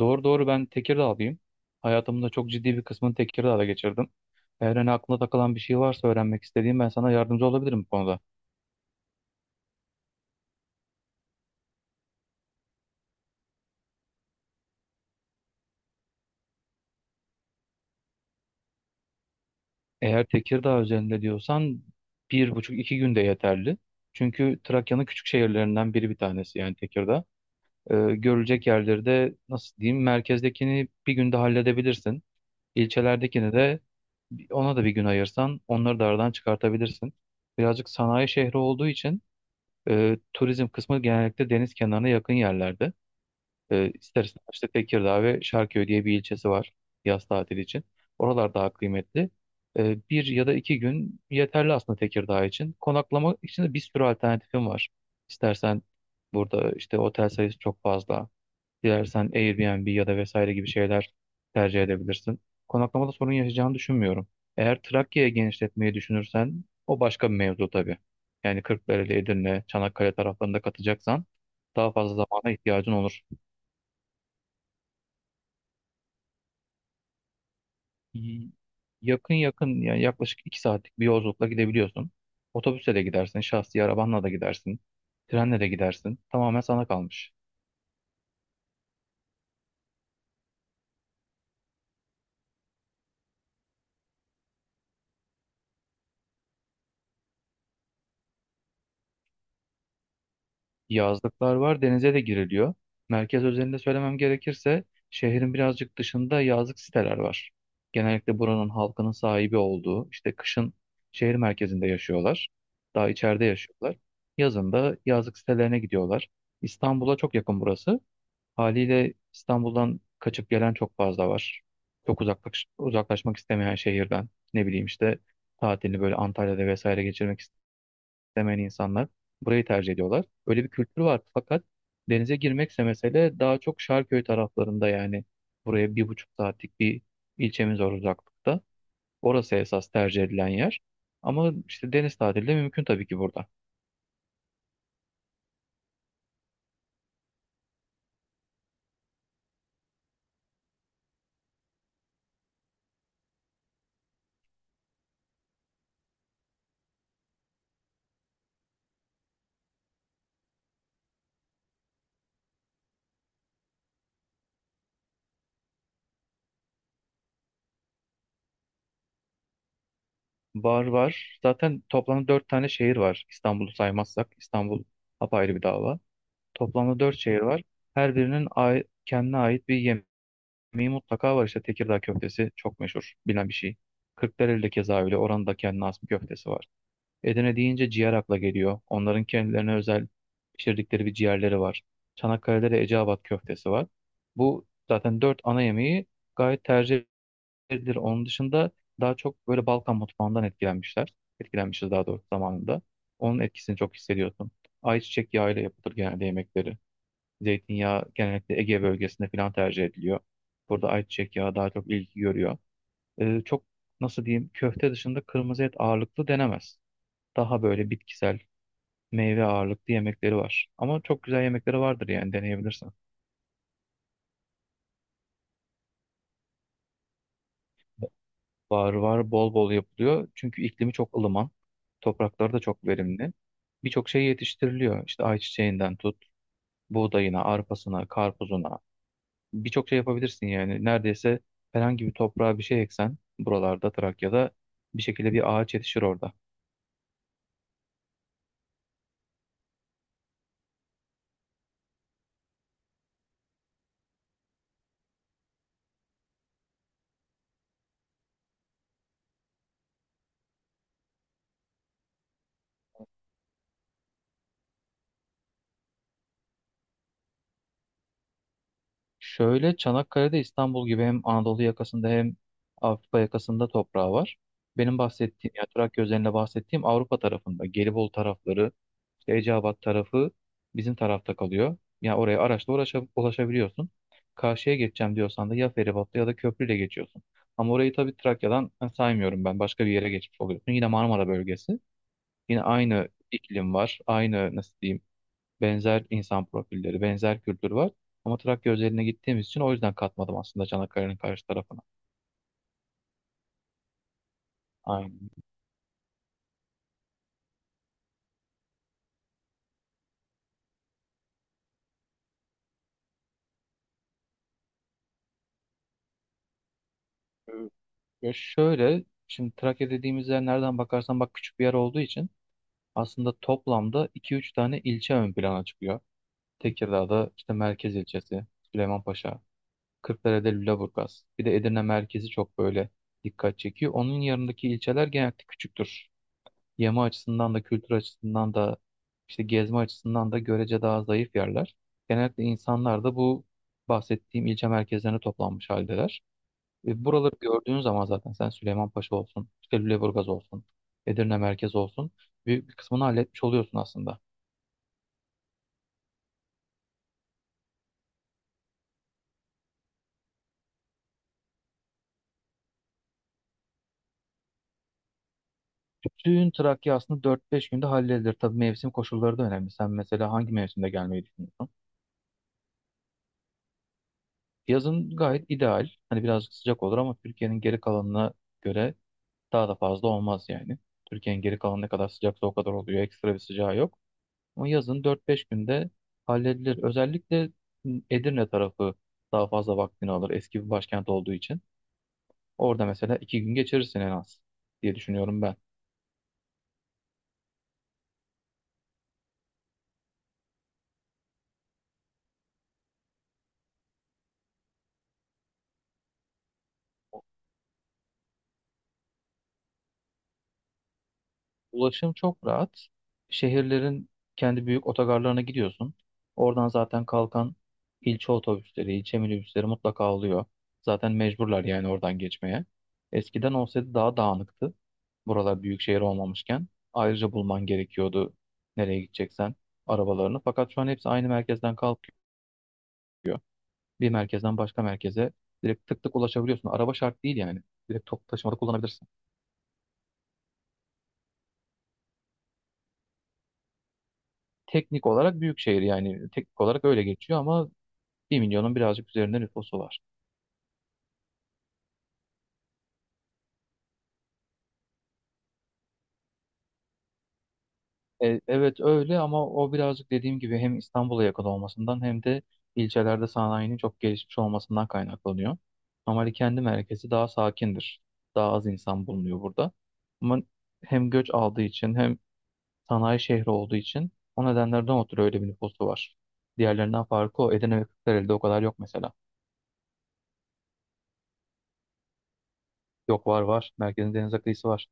Doğru doğru ben Tekirdağlıyım. Hayatımın da çok ciddi bir kısmını Tekirdağ'da geçirdim. Eğer hani aklına takılan bir şey varsa öğrenmek istediğim ben sana yardımcı olabilirim bu konuda. Eğer Tekirdağ üzerinde diyorsan bir buçuk iki günde yeterli. Çünkü Trakya'nın küçük şehirlerinden bir tanesi yani Tekirdağ. Görülecek yerleri de nasıl diyeyim merkezdekini bir günde halledebilirsin. İlçelerdekini de ona da bir gün ayırsan onları da aradan çıkartabilirsin. Birazcık sanayi şehri olduğu için turizm kısmı genellikle deniz kenarına yakın yerlerde. İster istemez işte Tekirdağ ve Şarköy diye bir ilçesi var yaz tatili için. Oralar daha kıymetli. Bir ya da iki gün yeterli aslında Tekirdağ için. Konaklama için de bir sürü alternatifim var. İstersen burada işte otel sayısı çok fazla. Dilersen Airbnb ya da vesaire gibi şeyler tercih edebilirsin. Konaklamada sorun yaşayacağını düşünmüyorum. Eğer Trakya'ya genişletmeyi düşünürsen o başka bir mevzu tabii. Yani Kırklareli, Edirne, Çanakkale taraflarında katacaksan daha fazla zamana ihtiyacın olur. Yakın yakın yani yaklaşık 2 saatlik bir yolculukla gidebiliyorsun. Otobüsle de gidersin, şahsi arabanla da gidersin, trenle de gidersin. Tamamen sana kalmış. Yazlıklar var, denize de giriliyor. Merkez özelinde söylemem gerekirse şehrin birazcık dışında yazlık siteler var. Genellikle buranın halkının sahibi olduğu, işte kışın şehir merkezinde yaşıyorlar. Daha içeride yaşıyorlar. Yazın da yazlık sitelerine gidiyorlar. İstanbul'a çok yakın burası. Haliyle İstanbul'dan kaçıp gelen çok fazla var. Çok uzaklaşmak istemeyen şehirden. Ne bileyim işte tatilini böyle Antalya'da vesaire geçirmek istemeyen insanlar burayı tercih ediyorlar. Böyle bir kültür var fakat denize girmekse mesele daha çok Şarköy taraflarında yani buraya 1,5 saatlik bir ilçemiz var uzaklıkta. Orası esas tercih edilen yer. Ama işte deniz tatili de mümkün tabii ki burada. Var var. Zaten toplam dört tane şehir var. İstanbul'u saymazsak, İstanbul apayrı bir dava. Toplamda dört şehir var. Her birinin kendine ait bir yemeği mutlaka var. İşte Tekirdağ köftesi çok meşhur, bilinen bir şey. Kırklareli'de keza öyle. Oranın da kendine has bir köftesi var. Edirne deyince ciğer akla geliyor. Onların kendilerine özel pişirdikleri bir ciğerleri var. Çanakkale'de de Eceabat köftesi var. Bu zaten dört ana yemeği gayet tercih edilir. Onun dışında daha çok böyle Balkan mutfağından etkilenmişler. Etkilenmişiz daha doğrusu zamanında. Onun etkisini çok hissediyorsun. Ayçiçek yağıyla yapılır genelde yemekleri. Zeytinyağı genellikle Ege bölgesinde falan tercih ediliyor. Burada ayçiçek yağı daha çok ilgi görüyor. Çok nasıl diyeyim köfte dışında kırmızı et ağırlıklı denemez. Daha böyle bitkisel meyve ağırlıklı yemekleri var. Ama çok güzel yemekleri vardır yani deneyebilirsin. Var var bol bol yapılıyor. Çünkü iklimi çok ılıman. Toprakları da çok verimli. Birçok şey yetiştiriliyor. İşte ayçiçeğinden tut, buğdayına, arpasına, karpuzuna, birçok şey yapabilirsin yani. Neredeyse herhangi bir toprağa bir şey eksen buralarda Trakya'da bir şekilde bir ağaç yetişir orada. Şöyle Çanakkale'de İstanbul gibi hem Anadolu yakasında hem Avrupa yakasında toprağı var. Benim bahsettiğim yani Trakya özelinde bahsettiğim Avrupa tarafında Gelibolu tarafları, işte Eceabat tarafı bizim tarafta kalıyor. Yani oraya araçla ulaşabiliyorsun. Karşıya geçeceğim diyorsan da ya feribotla ya da köprüyle geçiyorsun. Ama orayı tabii Trakya'dan saymıyorum ben. Başka bir yere geçmiş oluyorsun. Yine Marmara bölgesi. Yine aynı iklim var. Aynı nasıl diyeyim benzer insan profilleri, benzer kültür var. Ama Trakya özeline gittiğimiz için o yüzden katmadım aslında Çanakkale'nin karşı tarafına. Aynen. Ee, ya şöyle şimdi Trakya dediğimiz yer nereden bakarsan bak küçük bir yer olduğu için aslında toplamda iki üç tane ilçe ön plana çıkıyor. Tekirdağ'da işte merkez ilçesi, Süleymanpaşa, Kırklareli'de Lüleburgaz. Bir de Edirne merkezi çok böyle dikkat çekiyor. Onun yanındaki ilçeler genellikle küçüktür. Yeme açısından da kültür açısından da işte gezme açısından da görece daha zayıf yerler. Genellikle insanlar da bu bahsettiğim ilçe merkezlerine toplanmış haldeler. Buraları gördüğün zaman zaten sen Süleymanpaşa olsun, işte Lüleburgaz olsun, Edirne merkez olsun büyük bir kısmını halletmiş oluyorsun aslında. Bütün Trakya aslında 4-5 günde halledilir. Tabii mevsim koşulları da önemli. Sen mesela hangi mevsimde gelmeyi düşünüyorsun? Yazın gayet ideal. Hani birazcık sıcak olur ama Türkiye'nin geri kalanına göre daha da fazla olmaz yani. Türkiye'nin geri kalanı ne kadar sıcaksa o kadar oluyor. Ekstra bir sıcağı yok. Ama yazın 4-5 günde halledilir. Özellikle Edirne tarafı daha fazla vaktini alır. Eski bir başkent olduğu için. Orada mesela 2 gün geçirirsin en az diye düşünüyorum ben. Ulaşım çok rahat. Şehirlerin kendi büyük otogarlarına gidiyorsun. Oradan zaten kalkan ilçe otobüsleri, ilçe minibüsleri mutlaka alıyor. Zaten mecburlar yani oradan geçmeye. Eskiden olsaydı daha dağınıktı. Buralar büyük şehir olmamışken. Ayrıca bulman gerekiyordu nereye gideceksen arabalarını. Fakat şu an hepsi aynı merkezden kalkıyor. Bir merkezden başka merkeze direkt tık tık ulaşabiliyorsun. Araba şart değil yani. Direkt toplu taşımada kullanabilirsin. Teknik olarak büyük şehir yani teknik olarak öyle geçiyor ama bir milyonun birazcık üzerinde nüfusu var. E, evet öyle ama o birazcık dediğim gibi hem İstanbul'a yakın olmasından hem de ilçelerde sanayinin çok gelişmiş olmasından kaynaklanıyor. Normali kendi merkezi daha sakindir. Daha az insan bulunuyor burada. Ama hem göç aldığı için hem sanayi şehri olduğu için o nedenlerden ötürü öyle bir nüfusu var. Diğerlerinden farkı o. Edirne ve Kırklareli'de o kadar yok mesela. Yok var var. Merkezin denize kıyısı var.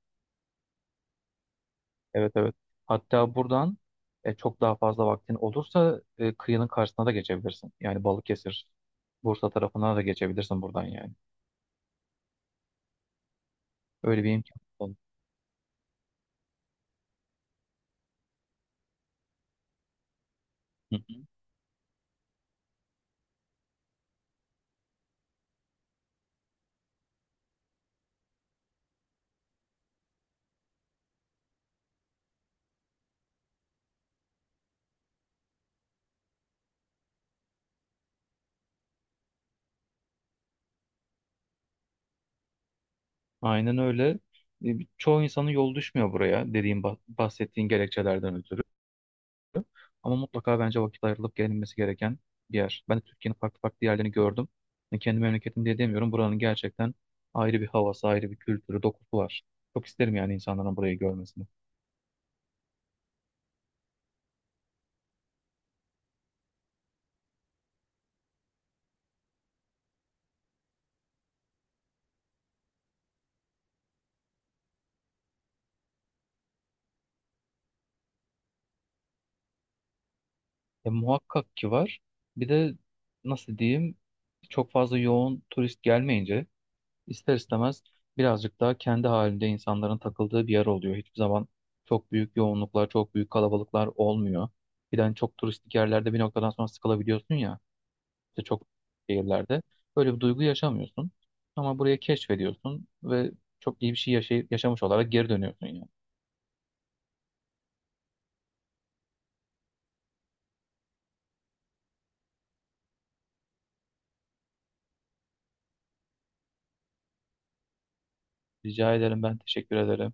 Evet evet. Hatta buradan çok daha fazla vaktin olursa kıyının karşısına da geçebilirsin. Yani Balıkesir, Bursa tarafına da geçebilirsin buradan yani. Öyle bir imkan var. Hı hı. Aynen öyle. E, çoğu insanın yol düşmüyor buraya dediğim bahsettiğin gerekçelerden ötürü. Ama mutlaka bence vakit ayrılıp gelinmesi gereken bir yer. Ben de Türkiye'nin farklı farklı yerlerini gördüm. Kendi memleketim diye demiyorum. Buranın gerçekten ayrı bir havası, ayrı bir kültürü, dokusu var. Çok isterim yani insanların burayı görmesini. Muhakkak ki var. Bir de nasıl diyeyim çok fazla yoğun turist gelmeyince ister istemez birazcık daha kendi halinde insanların takıldığı bir yer oluyor. Hiçbir zaman çok büyük yoğunluklar, çok büyük kalabalıklar olmuyor. Bir de hani çok turistik yerlerde bir noktadan sonra sıkılabiliyorsun ya. İşte çok şehirlerde böyle bir duygu yaşamıyorsun. Ama buraya keşfediyorsun ve çok iyi bir şey yaşamış olarak geri dönüyorsun yani. Rica ederim ben teşekkür ederim.